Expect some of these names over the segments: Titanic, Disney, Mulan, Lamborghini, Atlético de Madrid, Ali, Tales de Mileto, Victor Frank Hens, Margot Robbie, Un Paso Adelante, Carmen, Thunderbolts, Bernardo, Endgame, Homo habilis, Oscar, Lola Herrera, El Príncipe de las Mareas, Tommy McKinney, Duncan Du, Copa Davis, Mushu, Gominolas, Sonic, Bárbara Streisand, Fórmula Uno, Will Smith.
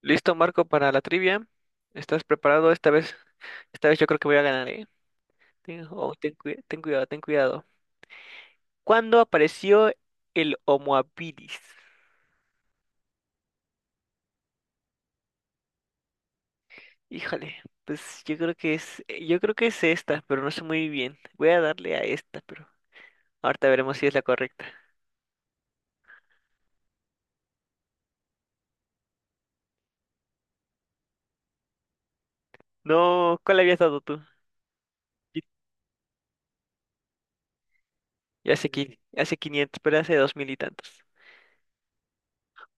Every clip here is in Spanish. Listo, Marco, para la trivia. ¿Estás preparado? Esta vez, yo creo que voy a ganar, ¿eh? Ten cuidado, ten cuidado. ¿Cuándo apareció el Homo habilis? Híjole, pues yo creo que es esta, pero no sé muy bien. Voy a darle a esta, pero ahorita veremos si es la correcta. No, ¿cuál habías dado tú? Y- y hace 500, pero hace 2.000 y tantos.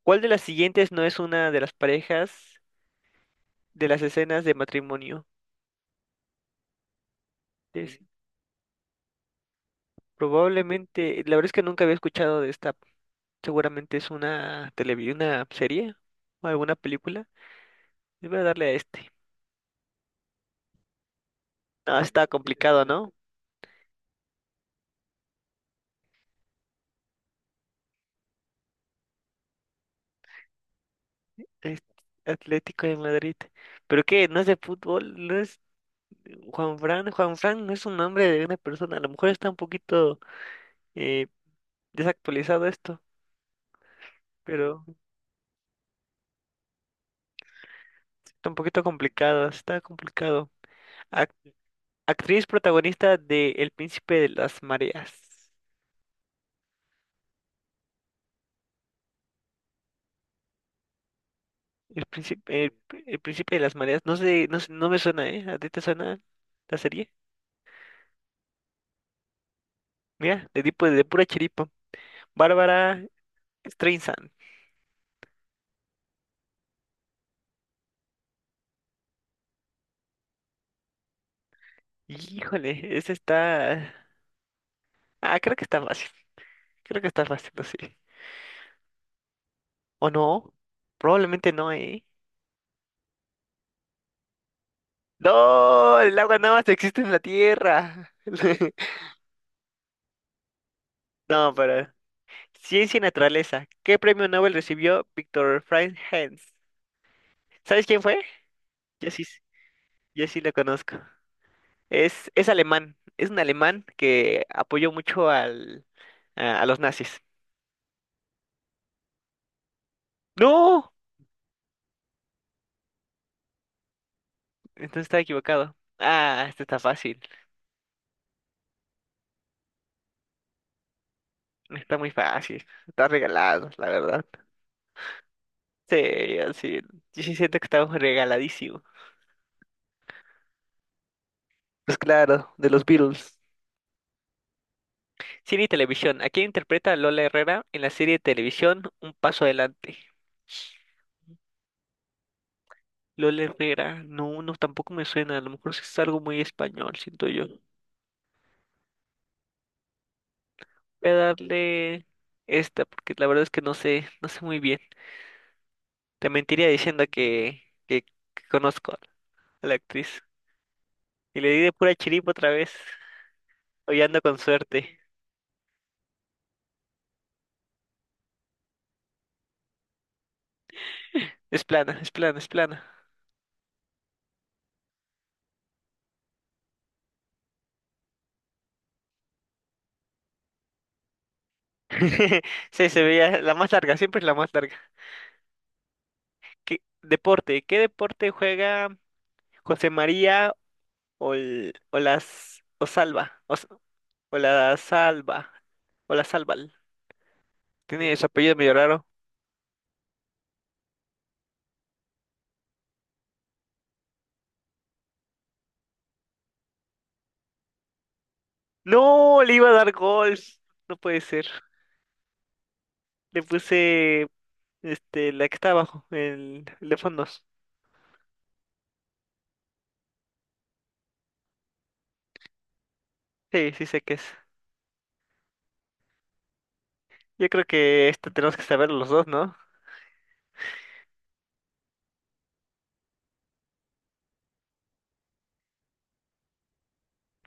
¿Cuál de las siguientes no es una de las parejas de las escenas de matrimonio? Probablemente, la verdad es que nunca había escuchado de esta. Seguramente es una serie o alguna película. Voy a darle a este. No, está complicado, ¿no? Es Atlético de Madrid. ¿Pero qué? ¿No es de fútbol? ¿No es Juan Fran? Juan Fran no es un nombre de una persona. A lo mejor está un poquito eh, desactualizado esto, pero está un poquito complicado. Está complicado. Ac- actriz protagonista de El Príncipe de las Mareas. El príncipe, el, el príncipe de las mareas. No sé, no me suena, ¿eh? ¿A ti te suena la serie? Mira, de tipo de pura chiripa. Bárbara Streisand. Híjole, ese está. Ah, creo que está fácil. Creo que está fácil, no sé. ¿O no? Probablemente no, ¿eh? ¡No! El agua nada más existe en la tierra. No, pero. Ciencia y naturaleza. ¿Qué premio Nobel recibió Victor Frank Hens? ¿Sabes quién fue? Yo sí, yo sí lo conozco. Es alemán, es un alemán que apoyó mucho a los nazis. ¡No! Entonces estaba equivocado. Ah, este está fácil, está muy fácil, está regalado, la verdad. Sí, así, yo sí siento que estamos regaladísimo. Pues claro, de los Beatles. Cine y televisión. ¿A quién interpreta a Lola Herrera en la serie de televisión Un Paso Adelante? Lola Herrera, no, no, tampoco me suena, a lo mejor sí es algo muy español, siento yo. Voy a darle esta porque la verdad es que no sé, no sé muy bien. Te mentiría diciendo que conozco a la actriz. Y le di de pura chiripa otra vez. Hoy ando con suerte. Es plana, es plana, es plana. Sí, se veía la más larga, siempre es la más larga. ¿Qué deporte juega José María o, o las o Salva? O la Salva. O la Salval. Tiene su apellido medio raro. No, le iba a dar gol. No puede ser. Le puse este, la que está abajo, el de fondos. Sí, sí sé qué es. Yo creo que esto tenemos que saber los dos, ¿no?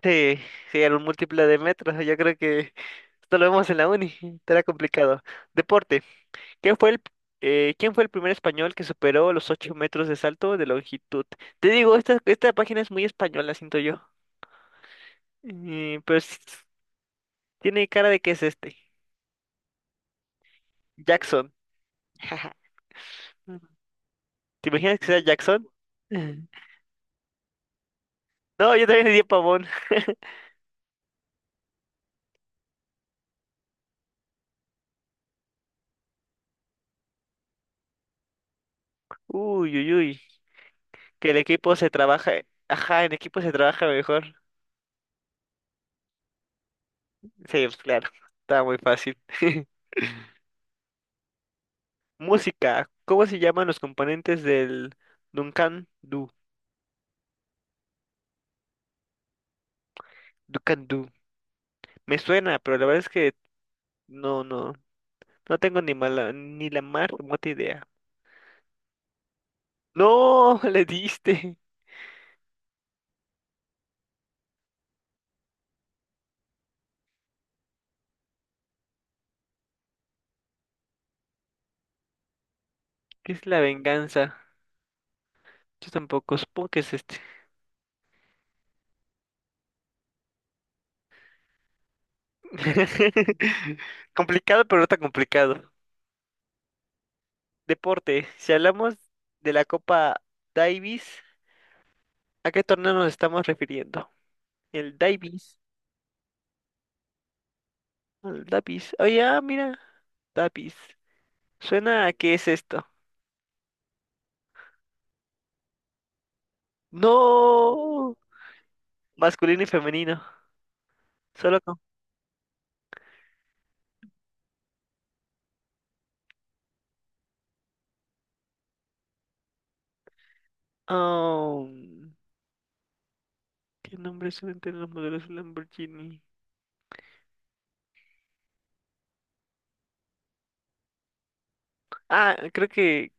Sí, sí, era un múltiple de metros. Yo creo que esto lo vemos en la uni. Estará complicado. Deporte. ¿Quién fue el, quién fue el primer español que superó los 8 metros de salto de longitud. Te digo, esta página es muy española, siento yo. Eh, pero sí- tiene cara de que es este. Jackson. ¿Te imaginas que sea Jackson? No, yo también le di a Pavón. Uy, uy, uy. Que el equipo se trabaja. Ajá, en equipo se trabaja mejor. Sí, pues claro. Está muy fácil. Música. ¿Cómo se llaman los componentes del Duncan Du? Duncan Du. Me suena, pero la verdad es que no, no. No tengo ni mala, ni la más remota idea. No, le diste. ¿Qué es la venganza? Yo tampoco. Supongo que es este. Complicado, pero no tan complicado. Deporte. Si hablamos de la Copa Davis. ¿A qué torneo nos estamos refiriendo? El Davis. El Davis. Oye, mira. Davis. Suena a qué es esto. No. Masculino y femenino. Solo con. Oh, ¿qué nombres suelen tener los modelos Lamborghini? Ah, creo que.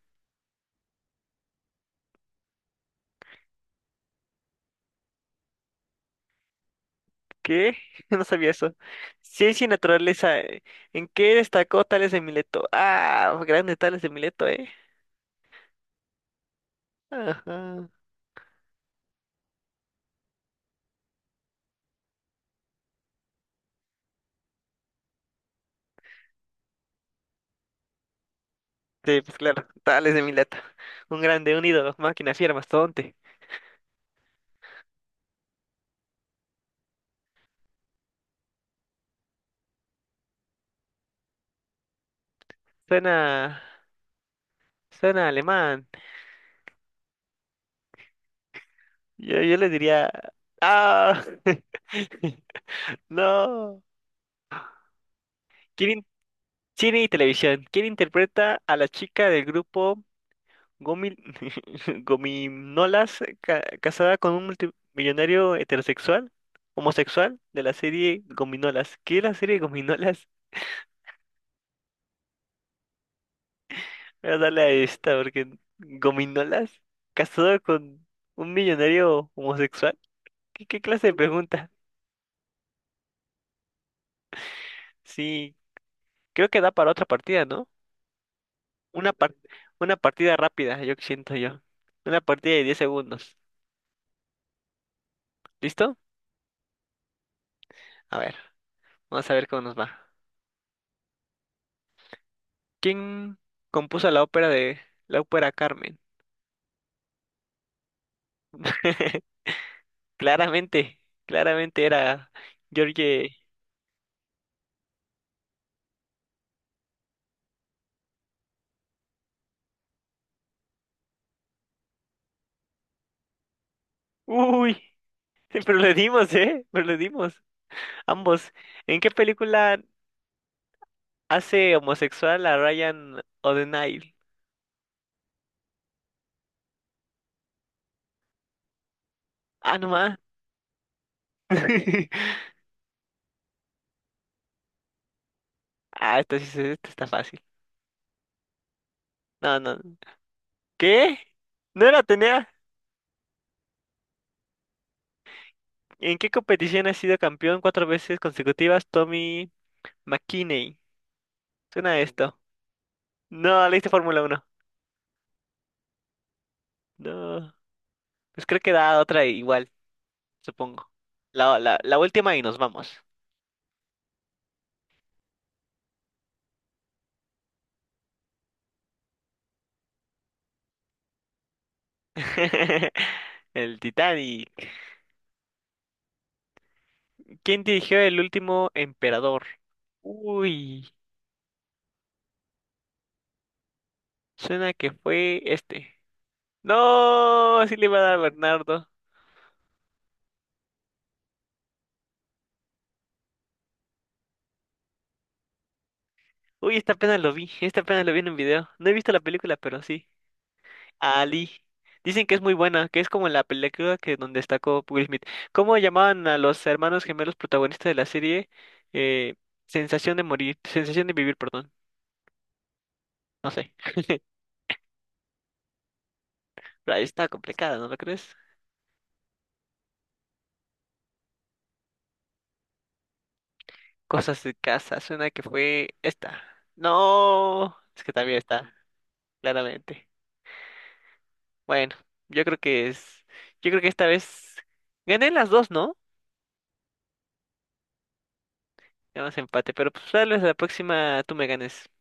¿Qué? No sabía eso. Ciencia y naturaleza. ¿En qué destacó Tales de Mileto? Ah, grande Tales de Mileto, ¿eh? Ajá. Sí, pues claro, Tales de Mileto. Un grande, un ídolo, máquina fiera, mastodonte. Suena, suena alemán. Yo le diría, ah, no. ¿Quién in- Cine y televisión. ¿Quién interpreta a la chica del grupo Gomil Gominolas casada con un multimillonario heterosexual, homosexual de la serie Gominolas? ¿Qué es la serie Gominolas? Voy a darle a esta porque Gominolas casado con un millonario homosexual. ¿Qué clase de pregunta? Sí. Creo que da para otra partida, ¿no? Una par- una partida rápida, yo que siento yo. Una partida de 10 segundos. ¿Listo? A ver, vamos a ver cómo nos va. ¿Quién compuso la ópera Carmen? Claramente, claramente era George. Uy, pero le dimos, ¿eh? Pero le dimos. Ambos. ¿En qué película hace homosexual a Ryan O'Donnell? Ah, no más. Ah, esto está fácil. No, no. ¿Qué? ¿No la tenía? ¿En qué competición ha sido campeón cuatro veces consecutivas Tommy McKinney? Suena a esto. No, leíste Fórmula Uno. No. Pues creo que da otra igual, supongo. La última y nos vamos. El Titanic. ¿Quién dirigió el último emperador? Uy, suena que fue este. No, sí le iba a dar a Bernardo. Uy, esta apenas lo vi, esta apenas lo vi en un video. No he visto la película, pero sí. Ali. Dicen que es muy buena, que es como la película que donde está destacó Will Smith. ¿Cómo llamaban a los hermanos gemelos protagonistas de la serie? Eh, sensación de morir, sensación de vivir, perdón. No sé. Pero ahí está complicada, ¿no lo crees? Cosas de casa, suena que fue esta. No, es que también está, claramente. Bueno, yo creo que es, yo creo que esta vez gané las dos, ¿no? Ganas empate, pero pues tal vez la próxima tú me ganes.